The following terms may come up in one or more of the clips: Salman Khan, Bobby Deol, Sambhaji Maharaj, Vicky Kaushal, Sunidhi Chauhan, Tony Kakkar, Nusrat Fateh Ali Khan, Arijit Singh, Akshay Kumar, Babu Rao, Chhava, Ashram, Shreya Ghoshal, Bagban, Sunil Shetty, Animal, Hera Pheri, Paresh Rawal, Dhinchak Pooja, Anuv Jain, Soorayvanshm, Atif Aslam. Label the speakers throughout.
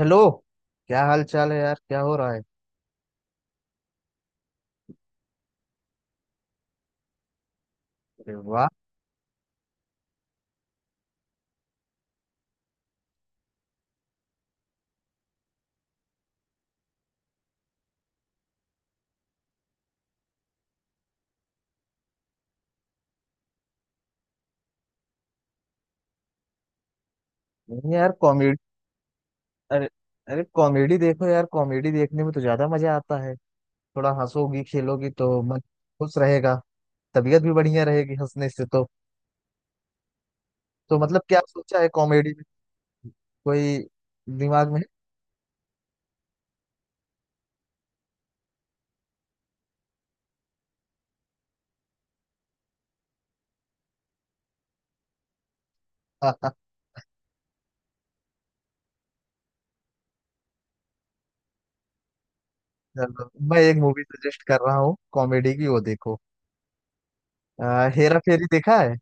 Speaker 1: Hello. क्या हाल चाल है यार, क्या हो रहा है? अरे वाह। नहीं यार, कॉमेडी। अरे अरे, कॉमेडी देखो यार, कॉमेडी देखने में तो ज्यादा मजा आता है। थोड़ा हंसोगी खेलोगी तो मन खुश रहेगा। तबीयत भी बढ़िया रहेगी हंसने से तो। तो मतलब क्या सोचा है कॉमेडी में, कोई दिमाग में है? चलो मैं एक मूवी सजेस्ट कर रहा हूँ कॉमेडी की, वो देखो। हेरा फेरी देखा है?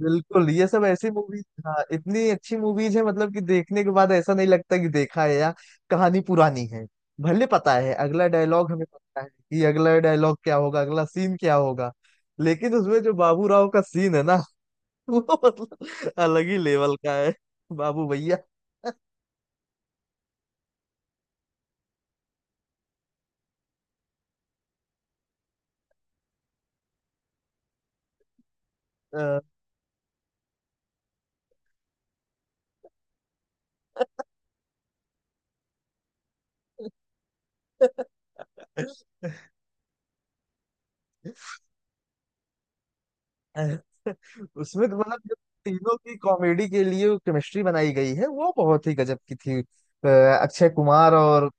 Speaker 1: बिल्कुल, ये सब ऐसी मूवी। हाँ, इतनी अच्छी मूवीज है मतलब कि देखने के बाद ऐसा नहीं लगता कि देखा है, या कहानी पुरानी है। भले पता है अगला डायलॉग, हमें पता है कि अगला डायलॉग क्या होगा, अगला सीन क्या होगा, लेकिन उसमें जो बाबू राव का सीन है ना, वो मतलब अलग ही लेवल का है। बाबू भैया। अ, उसमें तो मतलब जो तीनों की कॉमेडी के लिए केमिस्ट्री बनाई गई है वो बहुत ही गजब की थी। अक्षय कुमार और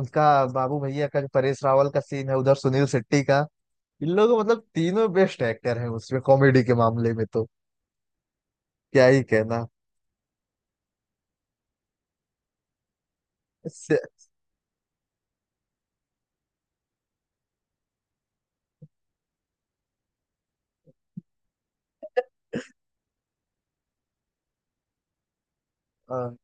Speaker 1: उनका बाबू भैया का जो परेश रावल का सीन है, उधर सुनील शेट्टी का, इन लोगों मतलब तीनों बेस्ट एक्टर हैं उसमें कॉमेडी के मामले में तो क्या ही कहना। इससे, अ,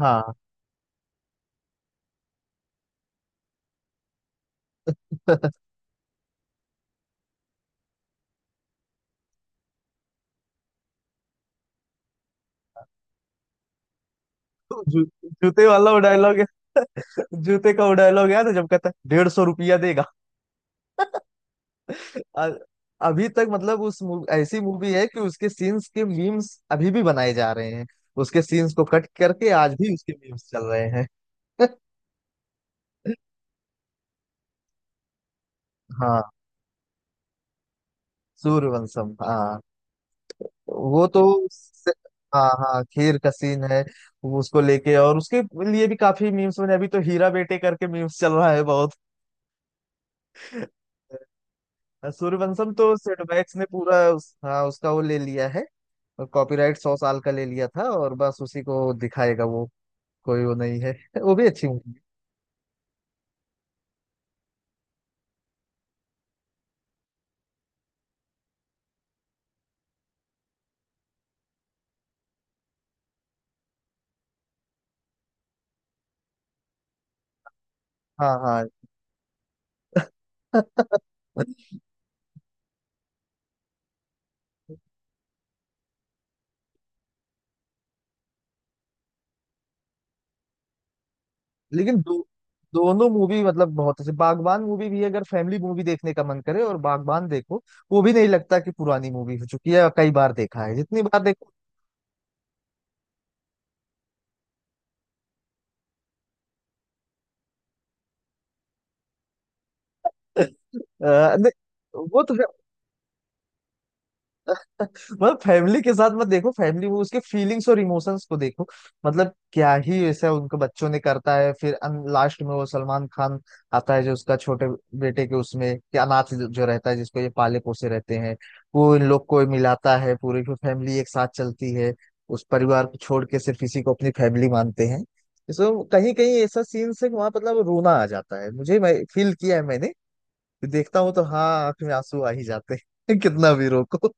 Speaker 1: हाँ, तो जूते वाला वो डायलॉग है। जूते का वो डायलॉग याद है जब कहता है 150 रुपया देगा। अ- अभी तक मतलब ऐसी मूवी है कि उसके सीन्स के मीम्स अभी भी बनाए जा रहे हैं। उसके सीन्स को कट करके आज भी उसके मीम्स चल रहे हैं। हाँ सूर्यवंशम, हाँ। वो तो स- हाँ हाँ, खीर का सीन है। वो उसको लेके और उसके लिए भी काफी मीम्स बने। अभी तो हीरा बेटे करके मीम्स चल रहा है बहुत। सूर्यवंशम तो सेटबैक्स ने पूरा हाँ, उसका वो ले लिया है। और कॉपीराइट 100 साल का ले लिया था और बस उसी को दिखाएगा वो। कोई वो नहीं है। वो भी अच्छी मूवी है। हाँ हाँ। लेकिन दोनों मूवी मतलब बहुत अच्छी। बागबान मूवी भी, अगर फैमिली मूवी देखने का मन करे और बागबान देखो। वो भी नहीं लगता कि पुरानी मूवी हो चुकी है, कई बार देखा है, जितनी बार देखो। अ, नहीं, वो तो मतलब फैमिली के साथ मत देखो। फैमिली वो, उसके फीलिंग्स और इमोशंस को देखो, मतलब क्या ही ऐसा उनके बच्चों ने करता है फिर। लास्ट में वो सलमान खान आता है जो उसका छोटे बेटे के उसमें कि अनाथ जो जो रहता है, जिसको ये पाले पोसे रहते हैं, वो इन लोग को मिलाता है, पूरी फैमिली एक साथ चलती है। उस परिवार को छोड़ के सिर्फ इसी को अपनी फैमिली मानते हैं। इसमें कहीं कहीं ऐसा सीन से वहां मतलब रोना आ जाता है मुझे, मैं फील किया है मैंने। देखता हूँ तो हाँ, आंख में आंसू आ ही जाते हैं कितना भी रोको।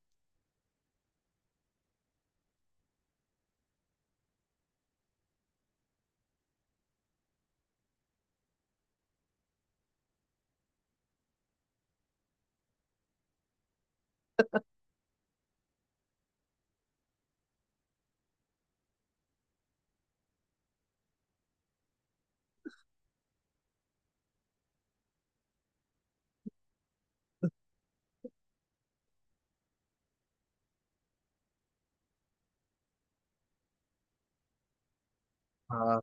Speaker 1: हाँ,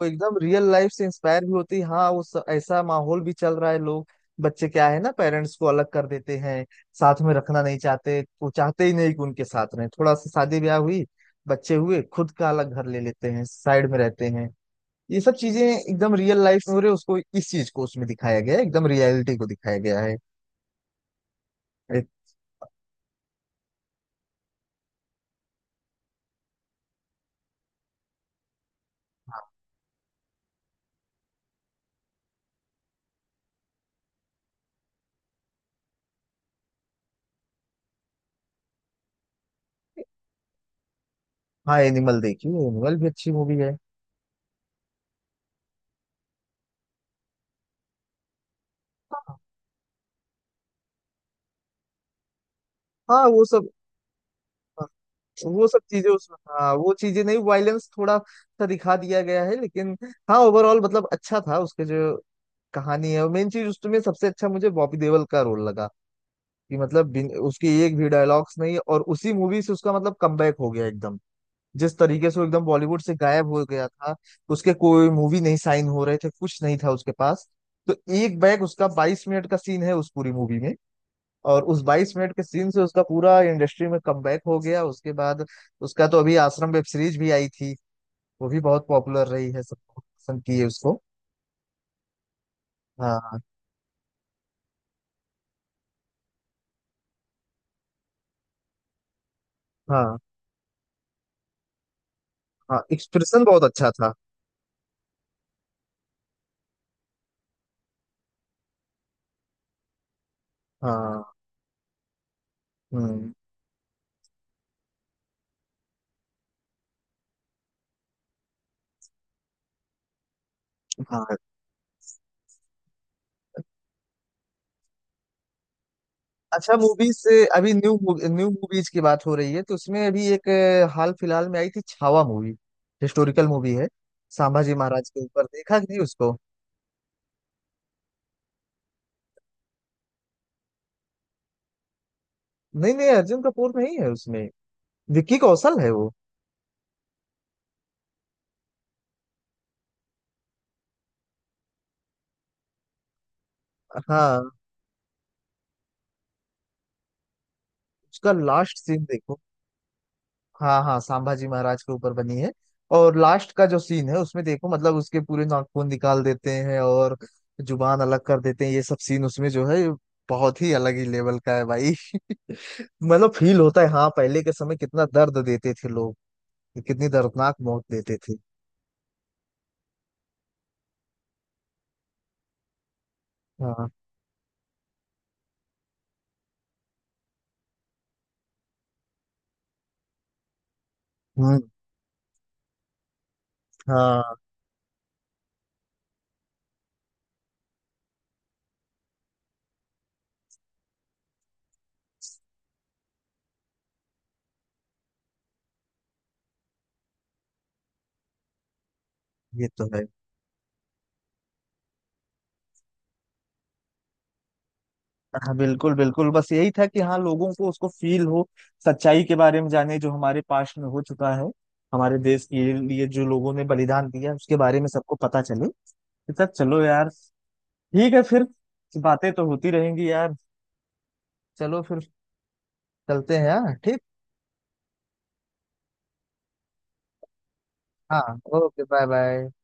Speaker 1: तो एकदम रियल लाइफ से इंस्पायर भी होती है। हाँ, उस ऐसा माहौल भी चल रहा है, लोग, बच्चे क्या है ना, पेरेंट्स को अलग कर देते हैं, साथ में रखना नहीं चाहते। वो चाहते ही नहीं कि उनके साथ रहें। थोड़ा सा शादी ब्याह हुई, बच्चे हुए, खुद का अलग घर ले लेते हैं, साइड में रहते हैं। ये सब चीजें एकदम रियल लाइफ में हो रहे, उसको, इस चीज को उसमें दिखाया गया है, एकदम रियलिटी को दिखाया गया है। एक- हाँ, एनिमल देखिए, एनिमल भी अच्छी मूवी है। हाँ हाँ, वो सब, वो सब चीजें उसमें। हाँ वो चीजें नहीं, वायलेंस थोड़ा सा दिखा दिया गया है, लेकिन हाँ ओवरऑल मतलब अच्छा था। उसके जो कहानी है, मेन चीज, उसमें सबसे अच्छा मुझे बॉबी देओल का रोल लगा कि मतलब उसकी एक भी डायलॉग्स नहीं, और उसी मूवी से उसका मतलब कमबैक हो गया एकदम, जिस तरीके से वो एकदम बॉलीवुड से गायब हो गया था। उसके कोई मूवी नहीं साइन हो रहे थे, कुछ नहीं था उसके पास। तो एक बैग उसका 22 मिनट का सीन है उस पूरी मूवी में, और उस 22 मिनट के सीन से उसका पूरा इंडस्ट्री में कमबैक हो गया उसके बाद। उसका तो अभी आश्रम वेब सीरीज भी आई थी, वो भी बहुत पॉपुलर रही है, सबको पसंद की है उसको। हाँ हाँ। हाँ, एक्सप्रेशन बहुत अच्छा था। हाँ। हम्म। हाँ। अच्छा, मूवीज से अभी न्यू न्यू मूवीज की बात हो रही है तो उसमें अभी एक हाल फिलहाल में आई थी छावा मूवी। हिस्टोरिकल मूवी है। संभाजी महाराज के ऊपर, देखा कि नहीं उसको? नहीं नहीं, अर्जुन कपूर नहीं है उसमें, विक्की कौशल है वो। हाँ उसका लास्ट सीन देखो। हाँ हाँ, संभाजी महाराज के ऊपर बनी है, और लास्ट का जो सीन है उसमें देखो मतलब उसके पूरे नाखून निकाल देते हैं और जुबान अलग कर देते हैं। ये सब सीन उसमें जो है, बहुत ही अलग ही लेवल का है भाई। मतलब फील होता है हाँ, पहले के समय कितना दर्द देते थे लोग, कितनी दर्दनाक मौत देते थे। हाँ। हम्म। हाँ, ये तो है। हाँ बिल्कुल बिल्कुल, बस यही था कि हाँ, लोगों को उसको फील हो, सच्चाई के बारे में जाने, जो हमारे पास्ट में हो चुका है, हमारे देश के लिए जो लोगों ने बलिदान दिया उसके बारे में सबको पता चले। तो सर चलो यार, ठीक है फिर। बातें तो होती रहेंगी यार, चलो फिर, चलते हैं यार, ठीक। हाँ, ओके, बाय बाय।